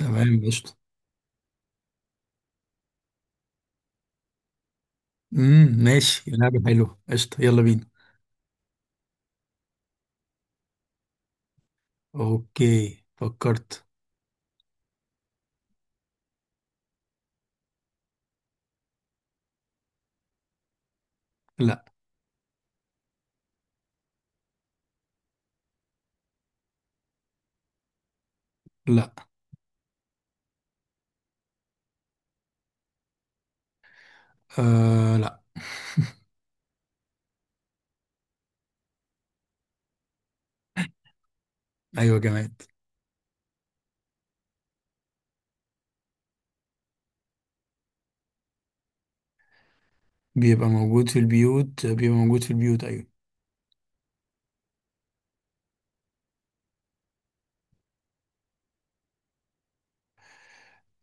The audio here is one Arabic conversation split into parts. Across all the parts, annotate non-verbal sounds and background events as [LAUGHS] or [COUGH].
تمام، قشطة. ماشي، لعبة حلوة، قشطة. يلا بينا. اوكي، فكرت. لا. لا. آه، لا. ايوه، جماد. بيبقى موجود في البيوت، بيبقى موجود في البيوت، ايوه.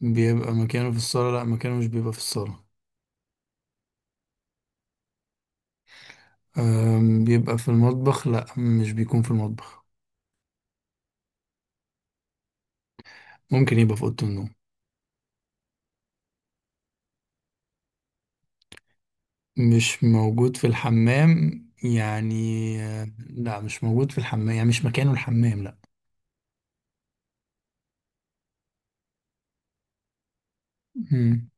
بيبقى مكانه في الصالة؟ لا، مكانه مش بيبقى في الصالة. بيبقى في المطبخ؟ لا، مش بيكون في المطبخ. ممكن يبقى في أوضة النوم. مش موجود في الحمام، يعني. لا، مش موجود في الحمام، يعني مش مكانه الحمام، لا. مم.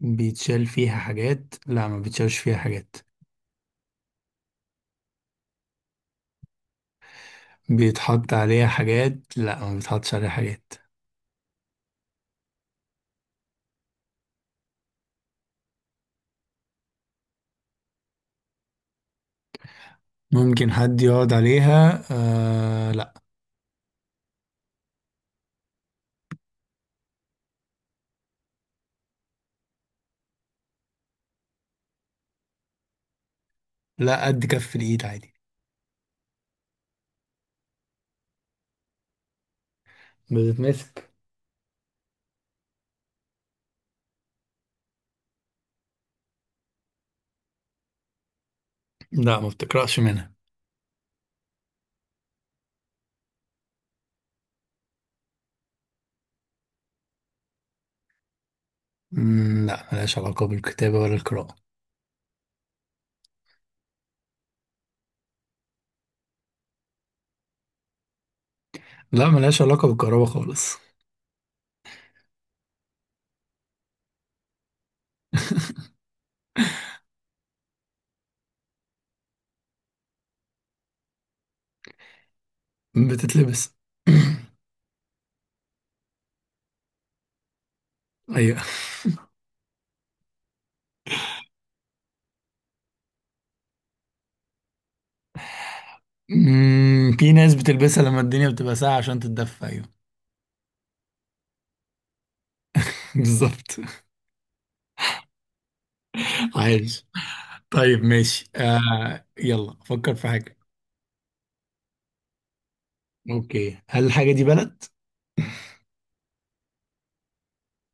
بيتشال فيها حاجات؟ لا، ما بيتشالش فيها حاجات. بيتحط عليها حاجات؟ لا، ما بيتحطش عليها حاجات. ممكن حد يقعد عليها؟ لا. لا، قد كف الايد عادي. بتتمسك. لا، ما بتقرأش منها. لا، ملهاش علاقة بالكتابة ولا القراءة. لا، ملهاش علاقة بالكهرباء خالص. بتتلبس. [COUGHS] ايوه. في ناس بتلبسها لما الدنيا بتبقى ساقعة عشان تتدفى، ايوه. [LAUGHS] بالظبط. عايش. طيب، ماشي. يلا فكر في حاجة. اوكي، هل الحاجة دي بلد؟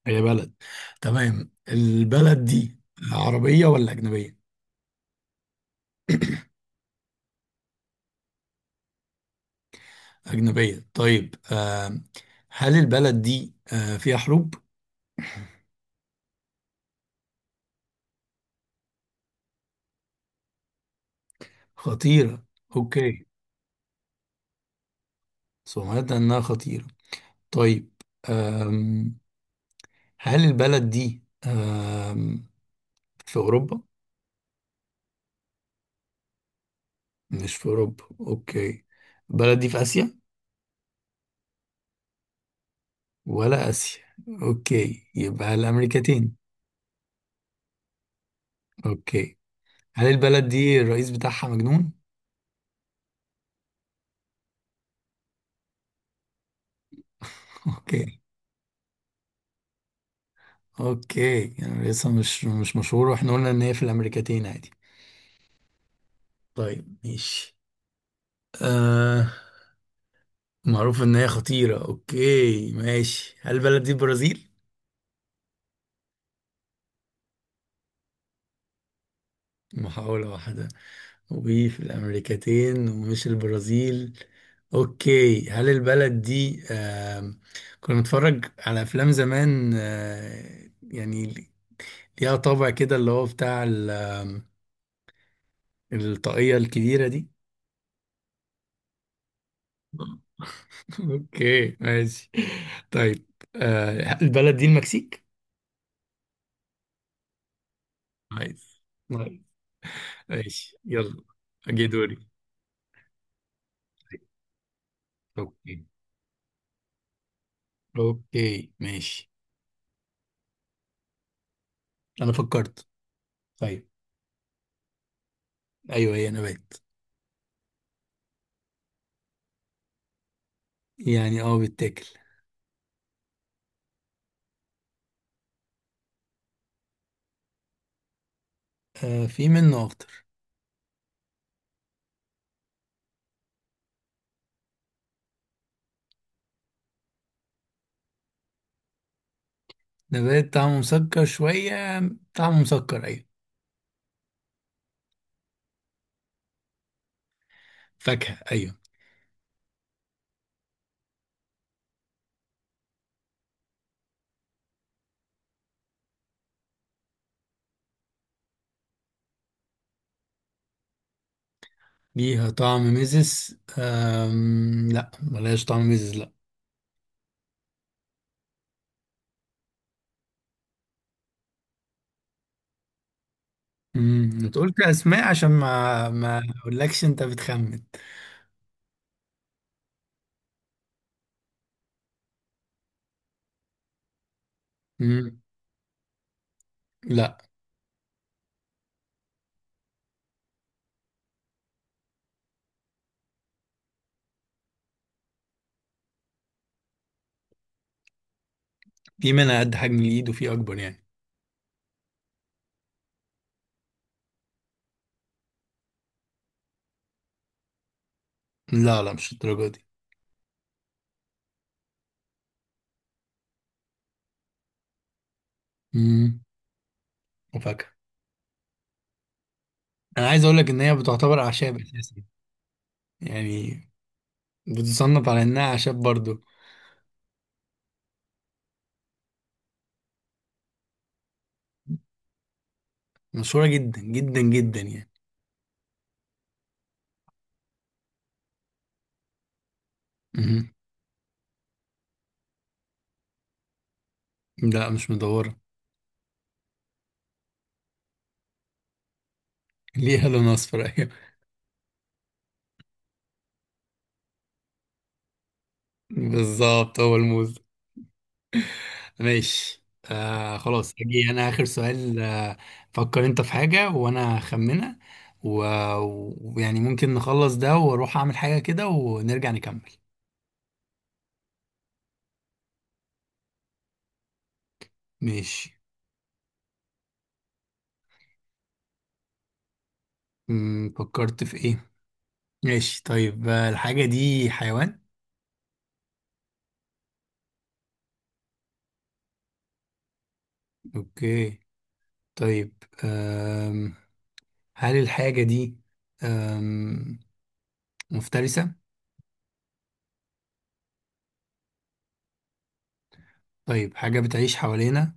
هي بلد. تمام، البلد دي عربية ولا أجنبية؟ أجنبية، طيب. هل البلد دي فيها حروب؟ خطيرة. أوكي. سمعت إنها خطيرة. طيب. آم هل البلد دي في أوروبا؟ مش في أوروبا، أوكي. البلد دي في آسيا؟ ولا آسيا. أوكي، يبقى الأمريكتين. أوكي. هل البلد دي الرئيس بتاعها مجنون؟ [LAUGHS] أوكي. اوكي، يعني لسه مش مشهور، واحنا قلنا ان هي في الامريكتين عادي. طيب، ماشي. آه معروف ان هي خطيرة. اوكي، ماشي. هل البلد دي البرازيل؟ محاولة واحدة. وفي الامريكتين ومش البرازيل. اوكي، هل البلد دي كنا نتفرج على افلام زمان، يعني ليها طابع كده، اللي هو بتاع ال- آم، الطاقية الكبيرة دي. اوكي، ماشي، طيب. البلد دي المكسيك. عايز. طيب، ماشي، يلا. اجي دوري. اوكي. اوكي، ماشي. انا فكرت. طيب. ايوه، هي نبات. يعني بيتاكل. آه، في منه اخضر. نبات طعمه مسكر شويه. طعمه مسكر، ايوه. فاكهه، ايوه. ليها طعم مزز؟ لا، ملهاش طعم مزز، لا. انت قلت اسماء عشان ما اقولكش، انت بتخمن. امم. لا، في منها قد حجم الايد وفي اكبر، يعني. لا، لا، مش الدرجه دي. امم. وفاكهه. انا عايز اقول لك ان هي بتعتبر اعشاب اساسا. يعني بتصنف على انها اعشاب برضو. مشهوره جدا جدا جدا، يعني. امم. لا، مش مدوره. [LAUGHS] ليها لون اصفر، ايوه. بالظبط، هو الموز. ماشي. خلاص، اجي انا اخر سؤال. فكر انت في حاجه وانا اخمنها. ويعني ممكن نخلص ده واروح اعمل حاجه كده ونرجع نكمل. ماشي. فكرت في ايه؟ ماشي، طيب. الحاجة دي حيوان؟ اوكي. طيب، هل الحاجة دي أم... مفترسة؟ طيب، حاجة بتعيش حوالينا؟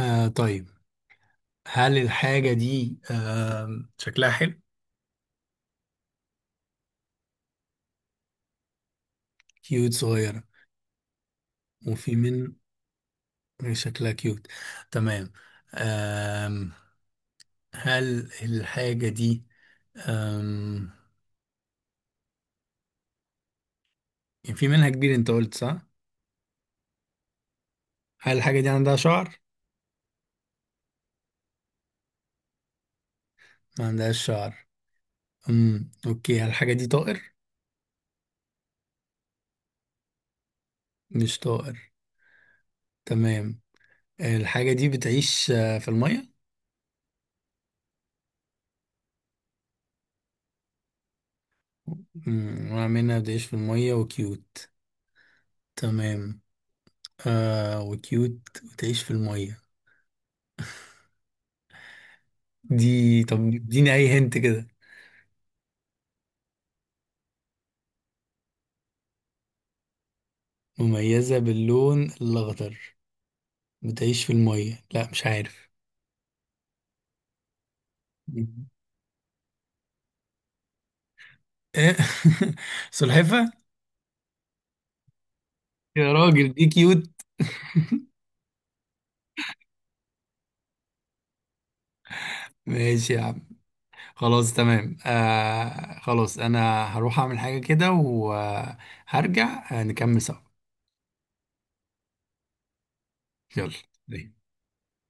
آه، طيب. هل الحاجة دي شكلها حلو؟ كيوت، صغيرة. وفي من. شكلها كيوت. تمام. أم... هل الحاجة دي أم... يعني في منها كبير، انت قلت، صح؟ هل الحاجة دي عندها شعر؟ ما عندهاش شعر. اوكي، الحاجة دي طائر؟ مش طائر. تمام. الحاجة دي بتعيش في المية؟ نوع منها بتعيش في المية وكيوت. تمام. وكيوت وتعيش في المية. دي، طب اديني اي هنت كده. مميزة باللون الأخضر. بتعيش في المية، لا مش عارف. إيه؟ [LAUGHS] سلحفة. يا راجل، دي كيوت. ماشي، يا عم. خلاص، تمام. خلاص انا هروح اعمل حاجة كده وهرجع، نكمل سوا. يلا.